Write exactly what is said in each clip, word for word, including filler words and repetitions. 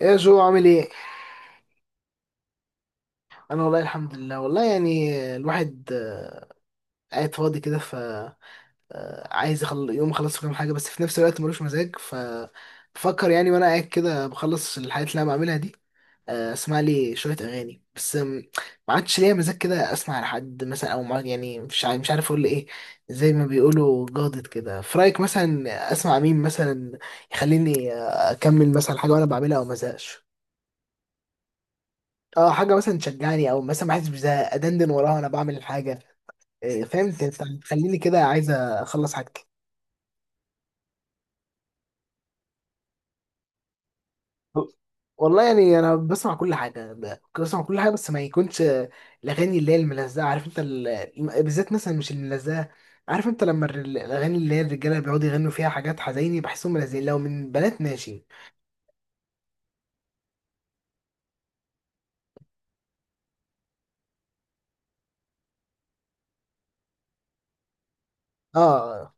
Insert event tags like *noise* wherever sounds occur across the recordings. ايه يا جو، عامل ايه؟ انا والله الحمد لله، والله يعني الواحد آه، قاعد فاضي كده ف آه، عايز يخل... يوم اخلص كام حاجه، بس في نفس الوقت ملوش مزاج ف بفكر يعني وانا قاعد كده بخلص الحاجات اللي انا بعملها دي. آه، اسمع لي شويه اغاني، بس آم، ما عادش ليا مزاج كده اسمع لحد مثلا، او ما يعني، مش عارف، مش عارف اقول ايه. زي ما بيقولوا جادت كده، في رايك مثلا اسمع مين، مثلا يخليني آه، اكمل مثلا حاجه وانا بعملها، او مزهقش. اه، حاجه مثلا تشجعني، او مثلا ما احسش بزهق، ادندن وراها وانا بعمل الحاجه. إيه، فاهم ت- تخليني كده عايز اخلص حاجتي. والله يعني انا بسمع كل حاجه، ب- بسمع كل حاجه بس ما يكونش آه، الاغاني اللي هي الملزقه. عارف انت ال... الم- بالذات مثلا مش الملزقه. عارف انت لما الر- الاغاني اللي هي الرجاله بيقعدوا يغنوا فيها حاجات حزيني، بحسهم ملزقين. لو من بنات ماشي. اه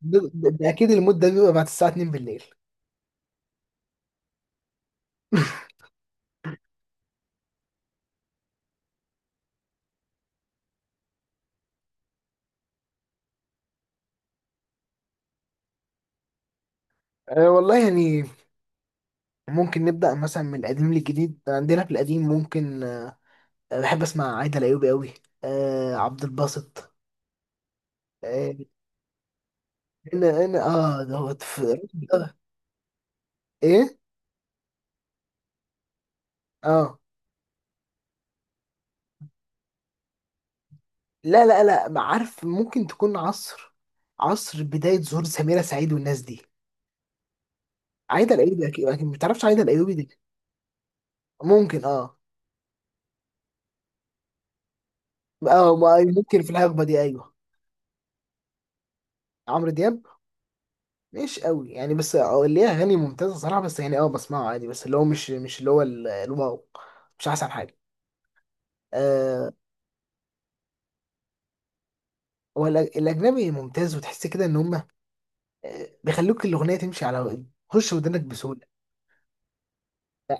ده, ده, ده اكيد المود ده بيبقى بعد الساعه اتنين بالليل. *laughs* آه والله يعني ممكن نبدا مثلا من القديم للجديد. عندنا في القديم ممكن بحب اسمع عايدة الايوبي قوي. آه عبد الباسط. آه. انا انا اه دوت في. ايه. اه، لا لا لا، ما عارف، ممكن تكون عصر، عصر بداية ظهور سميرة سعيد والناس دي. عايدة الايوبي، اكيد اكيد ما تعرفش عايدة الايوبي دي. ممكن اه. اه ما- ممكن في الهجبة دي، ايوه. عمرو دياب مش قوي يعني، بس آه، ليه اغاني ممتازة صراحة، بس يعني اه بسمعه عادي، بس اللي هو مش مش اللي هو ال- الواو، مش احسن حاجة. آه. هو الأج- الاجنبي ممتاز، وتحس كده ان هم بيخلوك الاغنيه تمشي على، تخش ودنك بسهوله. لا،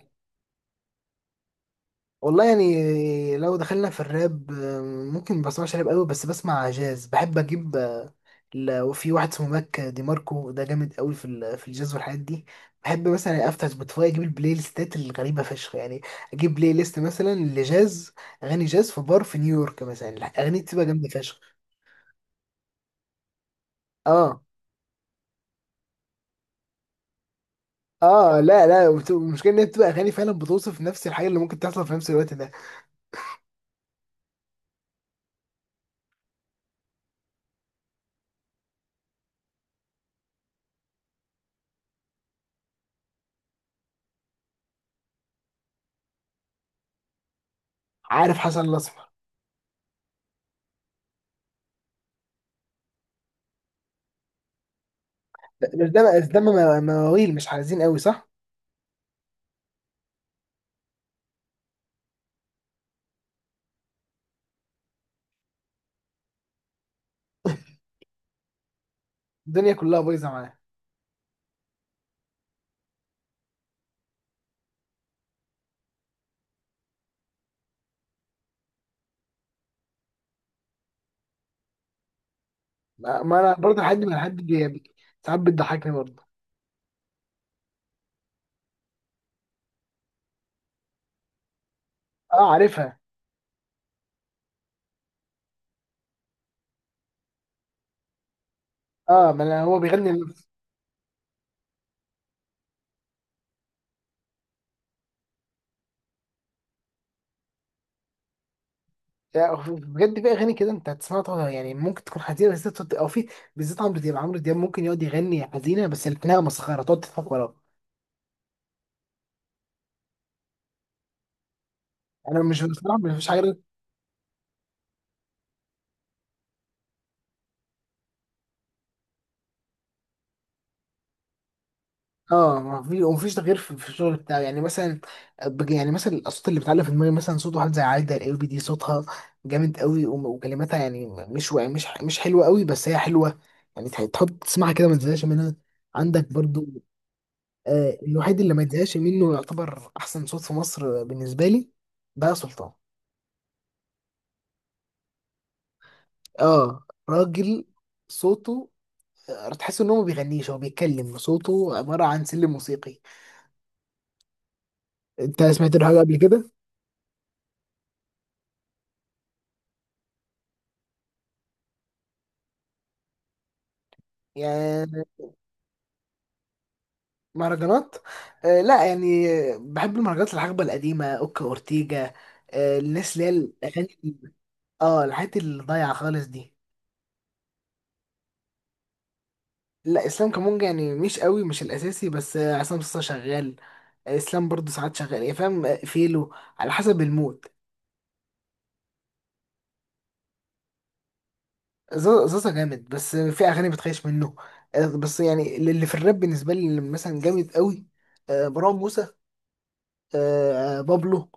والله يعني لو دخلنا في الراب آه، ممكن، ما بسمعش راب قوي، بس بسمع جاز. بحب اجيب آه، ل- وفي واحد اسمه ماك دي ماركو، ده جامد قوي في ال- في الجاز والحاجات دي. بحب مثلا افتح سبوتيفاي، اجيب البلاي ليستات الغريبه فشخ يعني. اجيب بلاي ليست مثلا لجاز، اغاني جاز في بار في نيويورك مثلا. الاغاني بتبقى جامده فشخ. اه. اه، لا لا، وبت- المشكله ان هي بتبقى اغاني فعلا بتوصف نفس الحاجه اللي ممكن تحصل في نفس الوقت ده. عارف حسن الاسمر. ده- مش ده بقى- ده م- مواويل مش عايزين قوي، صح؟ الدنيا كلها بايظه معاه. ما ما انا برضه لحد ما لحد بي- ساعات بتضحكني برضه. اه، عارفها. اه، ما انا هو بيغني لنفسه. يعني بجد في اغاني كده انت هتسمعها طبعا، يعني ممكن تكون حزينه، بس تقعد- او في بالذات عمرو دياب، عمرو دياب ممكن يقعد يغني حزينه، بس لكنها مسخره تقعد تضحك وراه. انا مش بصراحه مش حاجه. اه، ما في ومفيش تغيير في في الشغل بتاعي، يعني مثلا بج- يعني مثلا الاصوات اللي بتعلق في دماغي، مثلا صوت واحد زي عايدة الايوبي، دي صوتها جامد قوي، وم- وكلماتها يعني مش و- مش مش حلوه قوي، بس هي حلوه. يعني تح- تحط تسمعها كده ما تزهقش منها. عندك برضو آه الوحيد اللي ما يتزهقش منه، يعتبر احسن صوت في مصر بالنسبه لي. بقى سلطان. اه، راجل. صوته آه، تحس ان هو ما بيغنيش، هو بيتكلم. صوته عباره عن سلم موسيقي. انت سمعت له حاجه قبل كده؟ مهرجانات، آه لا يعني. بحب المهرجانات الحقبة القديمة، اوكا اورتيجا، آه الناس اللي هي الاغاني، اه الحاجات اللي ضايعة خالص دي. لا، اسلام كمونجا يعني مش قوي، مش الاساسي، بس آه، عصام صاصا شغال. آه، اسلام برضه ساعات شغال، يعني فاهم، آه، فيلو على حسب المود. ز- زازا جامد، بس آه، في اغاني بتخيش منه. آه بس يعني اللي في الراب بالنسبة لي اللي مثلا جامد قوي، آه مروان موسى، آه، بابلو.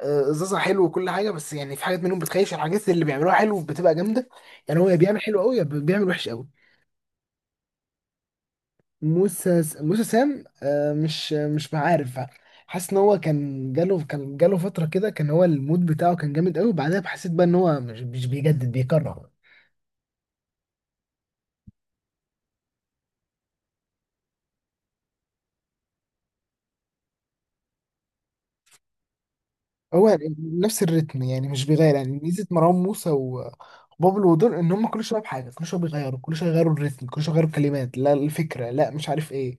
آه، زازا حلو وكل حاجه، بس يعني في حاجات منهم بتخيش. الحاجات اللي بيعملوها حلو بتبقى جامده. يعني هو يا بيعمل حلو قوي، يا بيعمل وحش قوي. موسى موسى سام، آه، مش مش عارف، حاسس ان هو كان جاله كان جاله فتره كده، كان هو المود بتاعه كان جامد قوي، وبعدها حسيت بقى ان هو مش مش بيجدد، بيكرر. هو نفس الريتم، يعني مش بيغير. يعني ميزه مروان موسى و- وبابلو دول، ان هم كل شويه بحاجه، كل شويه بيغيروا، كل شويه يغيروا الريتم، كل شويه يغيروا الكلمات، لا الفكره، لا، مش عارف ايه.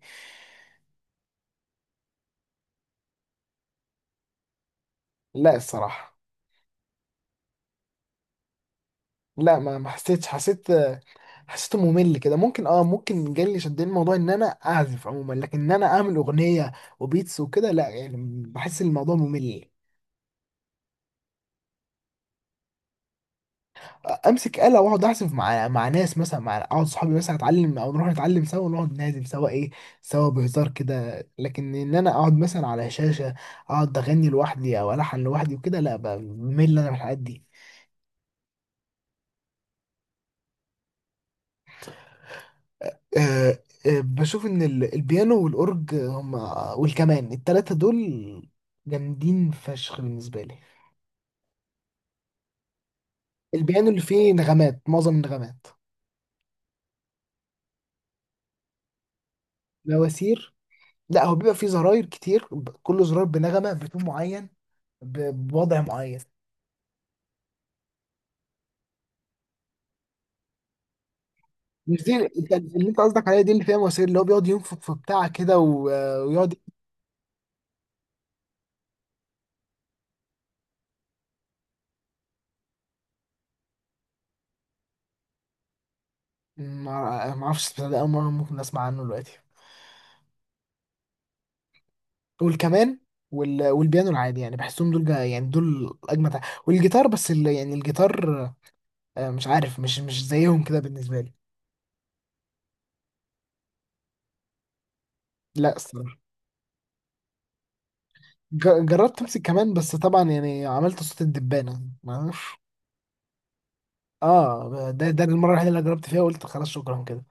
لا، الصراحة لا، ما ما حسيتش. حسيت، حسيته ممل كده. ممكن اه ممكن جالي شدني الموضوع ان انا اعزف عموما، لكن ان انا اعمل اغنية وبيتس وكده، لا يعني. بحس الموضوع ممل. امسك آلة واقعد اعزف مع مع ناس مثلا، مع اقعد صحابي مثلا اتعلم، او نروح نتعلم سوا ونقعد نعزف سوا، ايه سوا بهزار كده. لكن ان انا اقعد مثلا على شاشة اقعد اغني لوحدي، او الحن لوحدي وكده، لا بمل انا من الحاجات دي. آه، آه، بشوف ان ال- البيانو والاورج هم والكمان، التلاتة دول جامدين فشخ بالنسبة لي. البيانو اللي فيه نغمات، معظم النغمات. مواسير؟ لا، هو بيبقى فيه زراير كتير، ب- كل زرار بنغمة بتون معين، ب- بوضع معين. مش دي، انت- اللي انت قصدك عليها دي اللي فيها مواسير، اللي هو بيقعد ينفخ في بتاع كده و- ويقعد. ما ما اعرفش البتاع ده، اول مرة ممكن اسمع عنه دلوقتي. والكمان وال... والبيانو العادي، يعني بحسهم دول جا... يعني دول اجمد ع- والجيتار. بس ال... يعني الجيتار آه، مش عارف، مش مش زيهم كده بالنسبه لي. لا الصراحه. ج... جربت امسك كمان، بس طبعا يعني عملت صوت الدبانه، معرفش. اه، ده ده المره الوحيده اللي جربت فيها، قلت خلاص شكرا كده.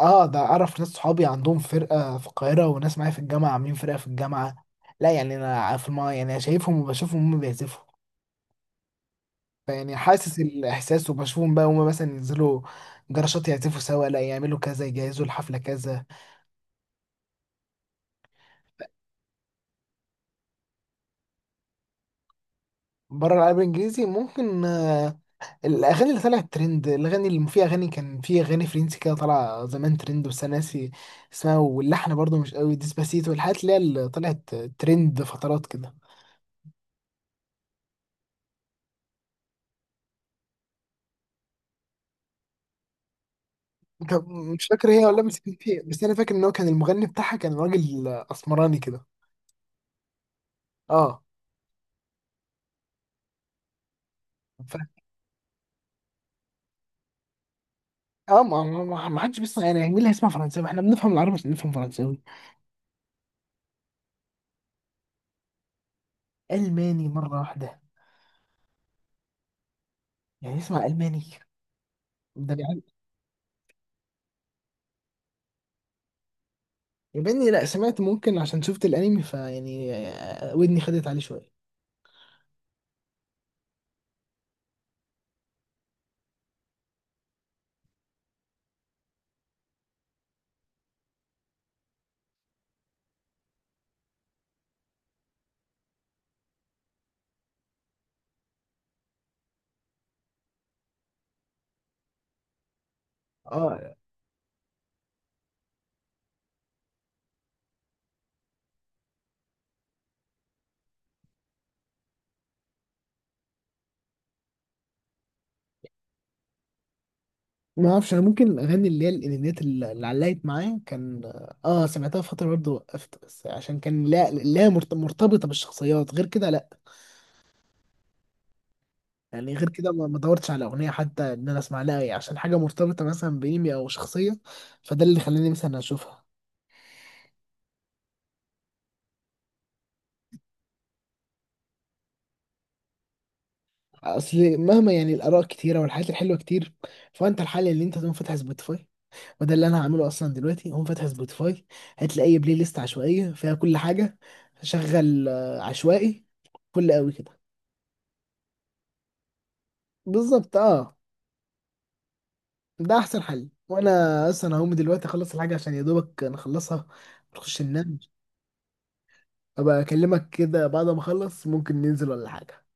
اه، ده اعرف ناس، صحابي عندهم فرقه في القاهره، وناس معايا في الجامعه عاملين فرقه في الجامعه. لا يعني، انا في الم... يعني شايفهم، وبشوفهم هم بيعزفوا، فيعني حاسس الاحساس. وبشوفهم بقى هما مثلا ينزلوا جراشات يعزفوا سوا، لا يعملوا كذا، يجهزوا الحفله كذا. بره العربي الانجليزي ممكن، آه، الاغاني اللي طلعت ترند، الاغاني اللي في اغاني، كان في اغاني فرنسي كده طالعه زمان ترند، بس انا ناسي اسمها. واللحن برضو مش قوي. ديسباسيتو الحاجات اللي هي اللي طلعت ترند فترات كده. طب مش فاكر هي، ولا بس كان في، بس انا فاكر ان هو كان المغني بتاعها كان راجل اسمراني كده. اه. ف... اه، ما ما ما- ما حدش بيسمع يعني، مين اللي هيسمع فرنساوي، احنا بنفهم العربي عشان نفهم فرنساوي. ألماني مرة واحدة؟ يعني اسمع ألماني، ده العيال. ياباني، لا سمعت، ممكن عشان شفت الأنمي، فيعني آه، ودني خدت عليه شوية. اه، ما اعرفش انا. ممكن الاغاني اللي هي الانميات اللي اللي علقت معايا، كان اه آه، سمعتها فتره برضه، وقفت، بس عشان كان لا لا مرت- مرتبطه بالشخصيات، غير كده لا يعني. غير كده ما ما دورتش على اغنيه حتى ان انا اسمع لها، يعني عشان حاجه مرتبطه مثلا بانمي او شخصيه، فده اللي خلاني مثلا اشوفها. اصل مهما يعني الاراء كتيره والحاجات الحلوه كتير، فانت الحل اللي انت تقوم فاتح سبوتيفاي. وده اللي انا هعمله اصلا دلوقتي، هقوم فاتح سبوتيفاي، هتلاقي اي بلاي ليست عشوائيه فيها كل حاجه. شغل آه، عشوائي، كل قوي كده. بالظبط اه. ده احسن حل، وانا اصلا هقوم دلوقتي اخلص الحاجه عشان يا دوبك نخلصها، نخش ننام. ابقى اكلمك كده بعد ما اخلص، ممكن ننزل ولا حاجه.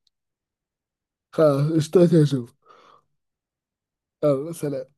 خلاص، اشتاق اشوف. يلا سلام.